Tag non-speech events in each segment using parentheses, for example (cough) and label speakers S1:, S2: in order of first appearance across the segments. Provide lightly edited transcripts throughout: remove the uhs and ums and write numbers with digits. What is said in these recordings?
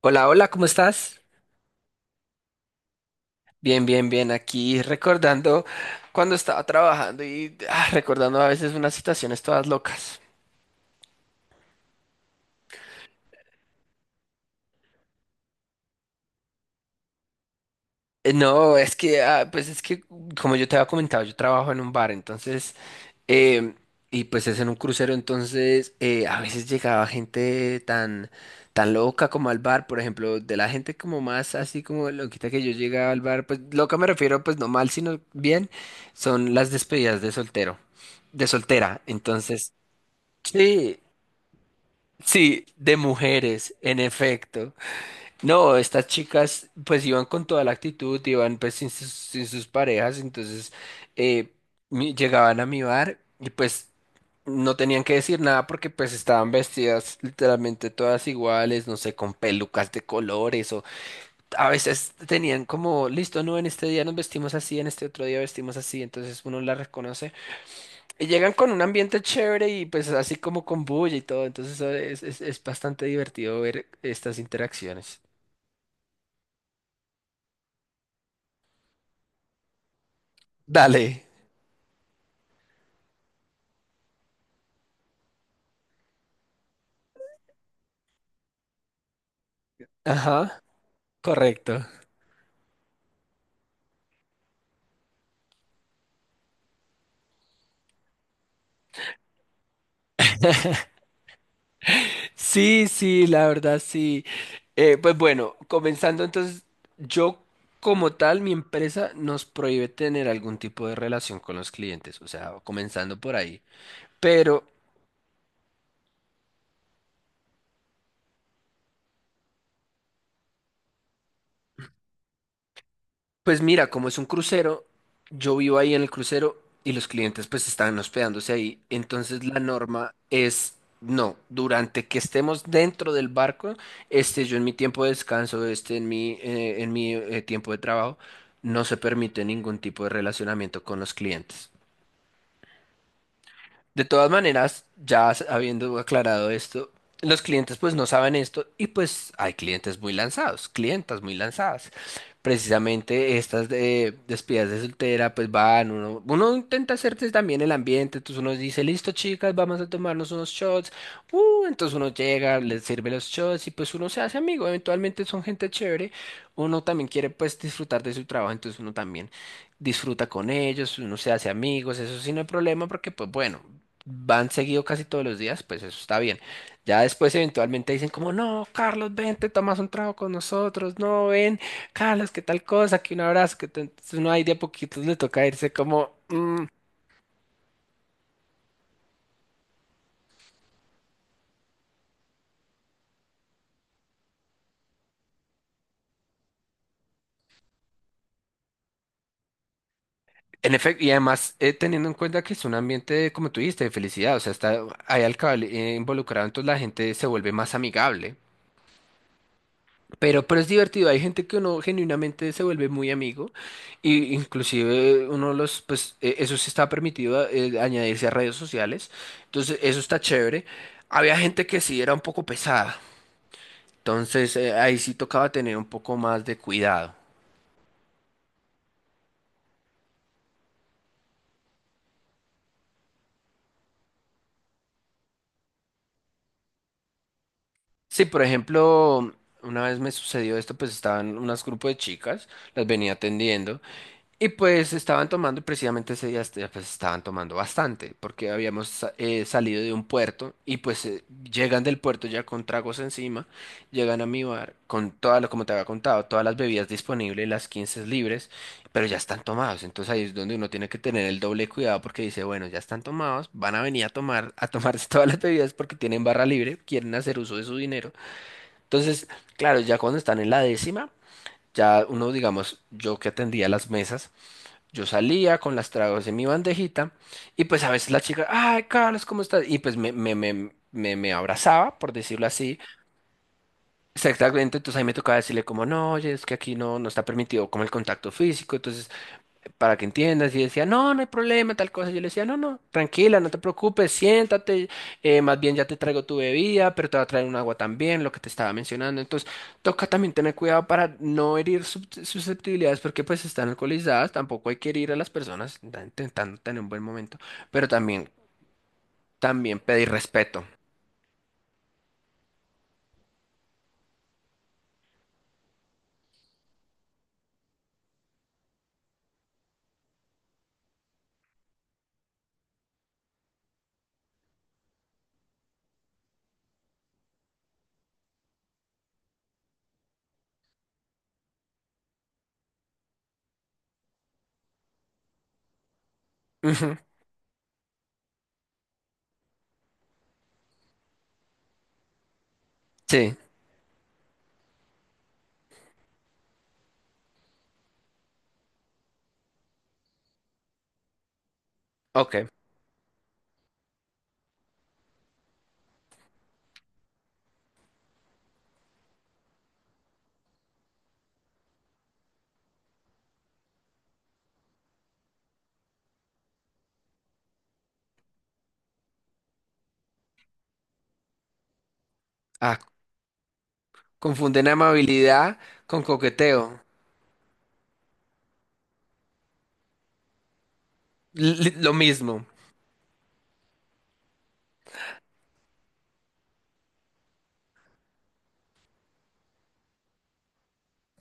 S1: Hola, hola, ¿cómo estás? Bien, bien, bien. Aquí recordando cuando estaba trabajando y recordando a veces unas situaciones todas locas. No, es que, pues es que, como yo te había comentado, yo trabajo en un bar, entonces, em, y pues es en un crucero, entonces a veces llegaba gente tan, tan loca como al bar, por ejemplo, de la gente como más así como loquita que yo llegaba al bar, pues loca me refiero, pues no mal, sino bien, son las despedidas de soltero de soltera. Entonces sí, sí, de mujeres, en efecto. No, estas chicas pues iban con toda la actitud, iban pues sin sus parejas, entonces eh, llegaban a mi bar y pues no tenían que decir nada porque pues estaban vestidas literalmente todas iguales, no sé, con pelucas de colores o a veces tenían como, listo, no, en este día nos vestimos así, en este otro día vestimos así, entonces uno la reconoce. Y llegan con un ambiente chévere y pues así como con bulla y todo. Entonces eso es bastante divertido ver estas interacciones. Dale. Ajá. Correcto. Sí, sí, la verdad sí. Pues bueno, comenzando entonces, yo como tal, mi empresa nos prohíbe tener algún tipo de relación con los clientes, o sea, comenzando por ahí. Pero pues mira, como es un crucero, yo vivo ahí en el crucero y los clientes pues están hospedándose ahí. Entonces la norma es, no, durante que estemos dentro del barco, este, yo en mi tiempo de descanso, este, en mi tiempo de trabajo, no se permite ningún tipo de relacionamiento con los clientes. De todas maneras, ya habiendo aclarado esto, los clientes pues no saben esto y pues hay clientes muy lanzados, clientas muy lanzadas. Precisamente estas de despedidas de soltera pues van, uno, uno intenta hacerse también el ambiente, entonces uno dice, listo chicas, vamos a tomarnos unos shots. Entonces uno llega, les sirve los shots y pues uno se hace amigo, eventualmente son gente chévere, uno también quiere pues disfrutar de su trabajo, entonces uno también disfruta con ellos, uno se hace amigos, eso sí no hay problema porque pues bueno, van seguido casi todos los días, pues eso está bien. Ya después eventualmente dicen como, no, Carlos, ven, te tomas un trago con nosotros, no, ven, Carlos, qué tal cosa, que un abrazo, que te- entonces uno ahí de a poquitos le toca irse como, "Mm". En efecto, y además teniendo en cuenta que es un ambiente, como tú dijiste, de felicidad, o sea, está ahí al cabal involucrado, entonces la gente se vuelve más amigable. Pero es divertido, hay gente que uno genuinamente se vuelve muy amigo y inclusive uno los, pues eso sí está permitido añadirse a redes sociales, entonces eso está chévere. Había gente que sí era un poco pesada, entonces ahí sí tocaba tener un poco más de cuidado. Sí, por ejemplo, una vez me sucedió esto, pues estaban unos grupos de chicas, las venía atendiendo. Y pues estaban tomando, precisamente ese día pues estaban tomando bastante, porque habíamos salido de un puerto y pues llegan del puerto ya con tragos encima, llegan a mi bar con todas, como te había contado, todas las bebidas disponibles, las 15 libres, pero ya están tomados, entonces ahí es donde uno tiene que tener el doble cuidado porque dice, bueno, ya están tomados, van a venir a tomar, a tomarse (laughs) todas las bebidas porque tienen barra libre, quieren hacer uso de su dinero. Entonces, claro, ya cuando están en la décima, ya uno, digamos, yo que atendía las mesas, yo salía con las tragos en mi bandejita y pues a veces la chica, ay, Carlos, ¿cómo estás? Y pues me abrazaba, por decirlo así. Exactamente, entonces ahí me tocaba decirle como, no, oye, es que aquí no, no está permitido como el contacto físico, entonces para que entiendas. Y decía, no, no hay problema, tal cosa. Yo le decía, no, no, tranquila, no te preocupes, siéntate, más bien ya te traigo tu bebida, pero te va a traer un agua también, lo que te estaba mencionando. Entonces, toca también tener cuidado para no herir susceptibilidades, porque pues están alcoholizadas, tampoco hay que herir a las personas, están intentando tener un buen momento, pero también, también pedir respeto. Ujú, sí, ok. Ah, confunden amabilidad con coqueteo. Lo mismo.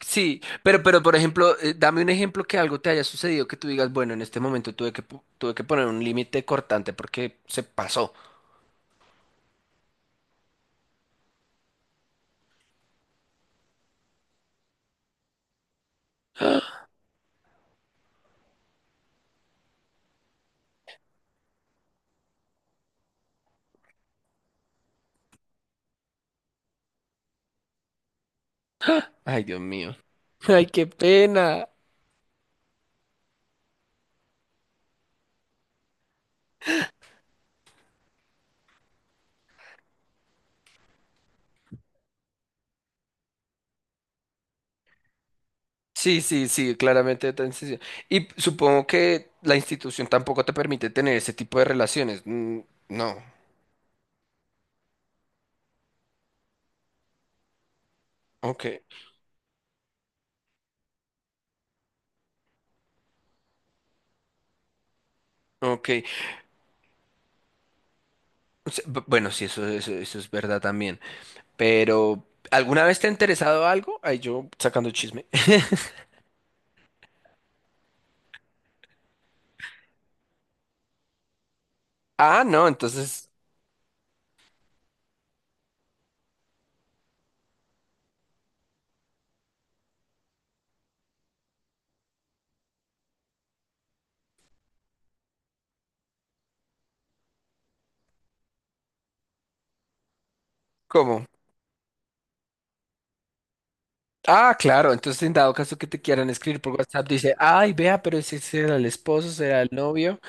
S1: Sí, pero por ejemplo, dame un ejemplo que algo te haya sucedido que tú digas, bueno, en este momento tuve que poner un límite cortante porque se pasó. Ay, Dios mío. (laughs) Ay, qué pena. Sí, sí, sí, claramente otra institución. Y supongo que la institución tampoco te permite tener ese tipo de relaciones. Mm, no. Ok, ok. O sea, bueno, sí, eso es verdad también. Pero, ¿alguna vez te ha interesado algo? Ay, yo sacando chisme. (laughs) Ah, no, entonces, ¿cómo? Ah, claro, entonces en dado caso que te quieran escribir por WhatsApp, dice, ay, vea, pero ese será el esposo, será el novio.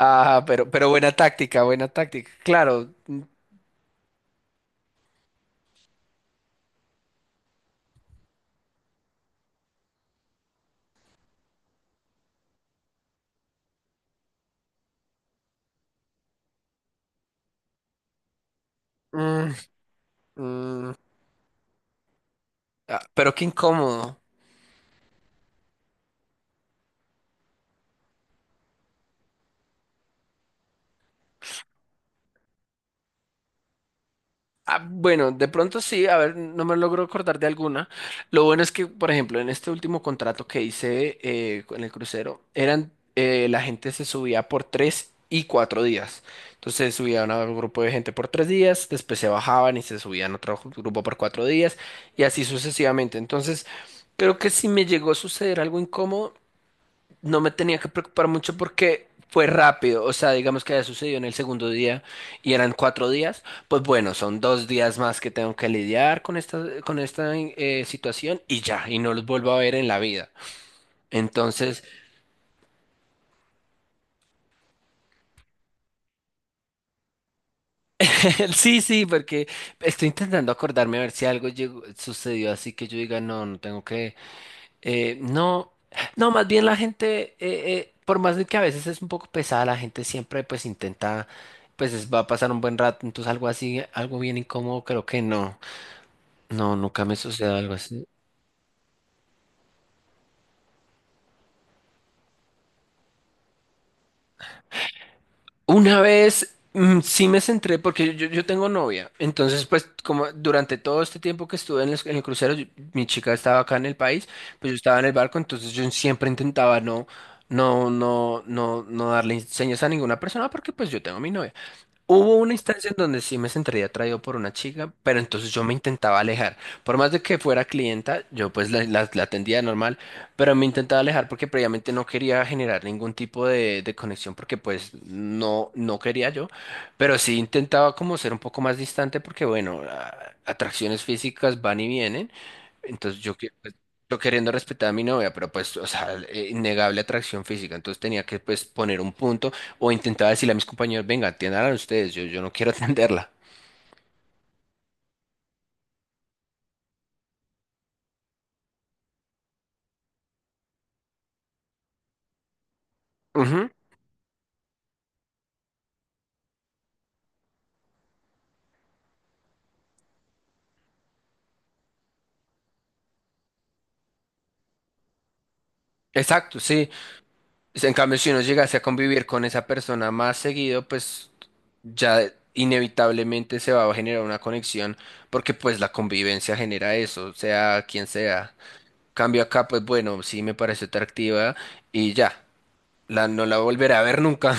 S1: Ah, pero buena táctica, buena táctica. Claro. Mm, mm, mm, ah, pero qué incómodo. Ah, bueno, de pronto sí, a ver, no me logro acordar de alguna. Lo bueno es que, por ejemplo, en este último contrato que hice en el crucero, eran la gente se subía por tres y cuatro días. Entonces subían a un grupo de gente por tres días, después se bajaban y se subían a otro grupo por cuatro días y así sucesivamente. Entonces, creo que si me llegó a suceder algo incómodo, no me tenía que preocupar mucho porque fue rápido, o sea, digamos que haya sucedido en el segundo día y eran cuatro días, pues bueno, son dos días más que tengo que lidiar con esta situación y ya, y no los vuelvo a ver en la vida. Entonces, (laughs) sí, sí, porque estoy intentando acordarme a ver si algo sucedió así que yo diga, no, no tengo que. No, no, más bien la gente, por más de que a veces es un poco pesada, la gente siempre pues intenta, pues va a pasar un buen rato, entonces algo así, algo bien incómodo, creo que no, no, nunca me sucedió algo así. Una vez sí me centré, porque yo tengo novia, entonces pues como durante todo este tiempo que estuve en, en el crucero, mi chica estaba acá en el país, pues yo estaba en el barco, entonces yo siempre intentaba no darle señas a ninguna persona porque pues yo tengo mi novia. Hubo una instancia en donde sí me sentiría atraído por una chica, pero entonces yo me intentaba alejar. Por más de que fuera clienta, yo pues la atendía normal, pero me intentaba alejar porque previamente no quería generar ningún tipo de conexión porque pues no, no quería yo, pero sí intentaba como ser un poco más distante porque bueno, atracciones físicas van y vienen. Entonces yo, pues, yo queriendo respetar a mi novia, pero pues, o sea, innegable atracción física. Entonces tenía que pues poner un punto o intentaba decirle a mis compañeros, venga, atiendan ustedes, yo no quiero (laughs) atenderla. Ujú, exacto, sí. En cambio, si uno llegase a convivir con esa persona más seguido, pues ya inevitablemente se va a generar una conexión porque pues la convivencia genera eso, sea quien sea. Cambio acá, pues bueno, sí me pareció atractiva y ya, la, no la volveré a ver nunca.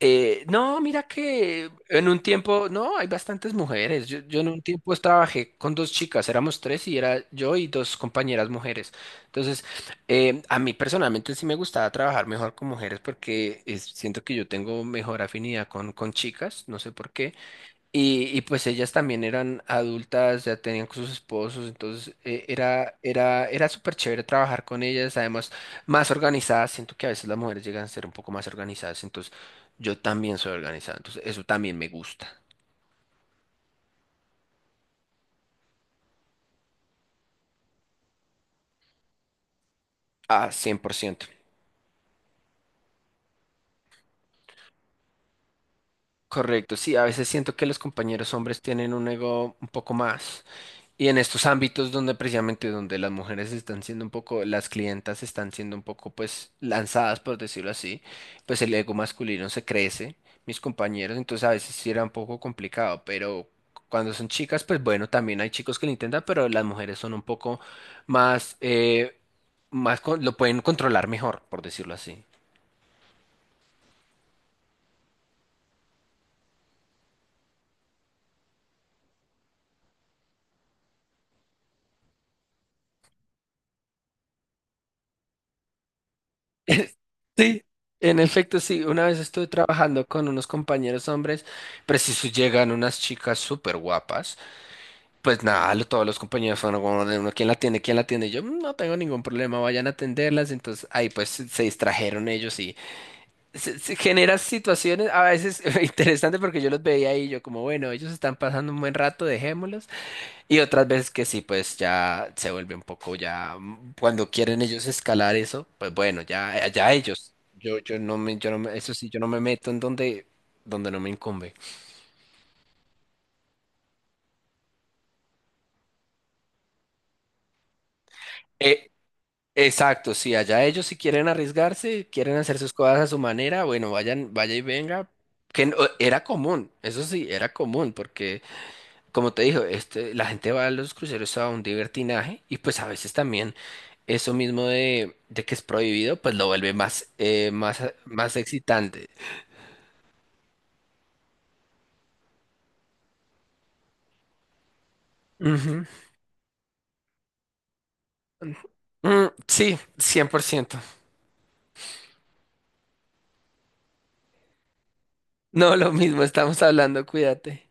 S1: No, mira que en un tiempo, no, hay bastantes mujeres. Yo en un tiempo trabajé con dos chicas, éramos tres y era yo y dos compañeras mujeres. Entonces, a mí personalmente sí me gustaba trabajar mejor con mujeres porque siento que yo tengo mejor afinidad con chicas, no sé por qué. Y pues ellas también eran adultas, ya tenían con sus esposos, entonces era, era, era súper chévere trabajar con ellas, además más organizadas, siento que a veces las mujeres llegan a ser un poco más organizadas, entonces yo también soy organizada, entonces eso también me gusta, a ciento. Correcto, sí, a veces siento que los compañeros hombres tienen un ego un poco más. Y en estos ámbitos donde precisamente donde las mujeres están siendo un poco, las clientas están siendo un poco pues lanzadas, por decirlo así, pues el ego masculino se crece, mis compañeros, entonces a veces sí era un poco complicado, pero cuando son chicas, pues bueno, también hay chicos que lo intentan, pero las mujeres son un poco más, más lo pueden controlar mejor, por decirlo así. (laughs) Sí, en efecto, sí. Una vez estuve trabajando con unos compañeros hombres, preciso llegan unas chicas súper guapas. Pues nada, todos los compañeros fueron como, de uno, ¿quién la atiende? ¿Quién la atiende? Y yo "Mm, no tengo ningún problema, vayan a atenderlas. Entonces ahí pues se distrajeron ellos y se genera situaciones a veces (laughs) interesantes porque yo los veía ahí y yo como, bueno, ellos están pasando un buen rato, dejémoslos. Y otras veces que sí, pues ya se vuelve un poco ya, cuando quieren ellos escalar eso, pues bueno, ya, ya ellos. Yo no me, eso sí, yo no me meto en donde, donde no me incumbe. Eh, Exacto, sí, allá ellos si quieren arriesgarse, quieren hacer sus cosas a su manera, bueno, vayan, vaya y venga. Que no- era común, eso sí, era común, porque como te digo, este, la gente va a los cruceros a un divertinaje y pues a veces también eso mismo de que es prohibido, pues lo vuelve más, más excitante. Ujú. Mm, sí, 100%. No, lo mismo, estamos hablando, cuídate.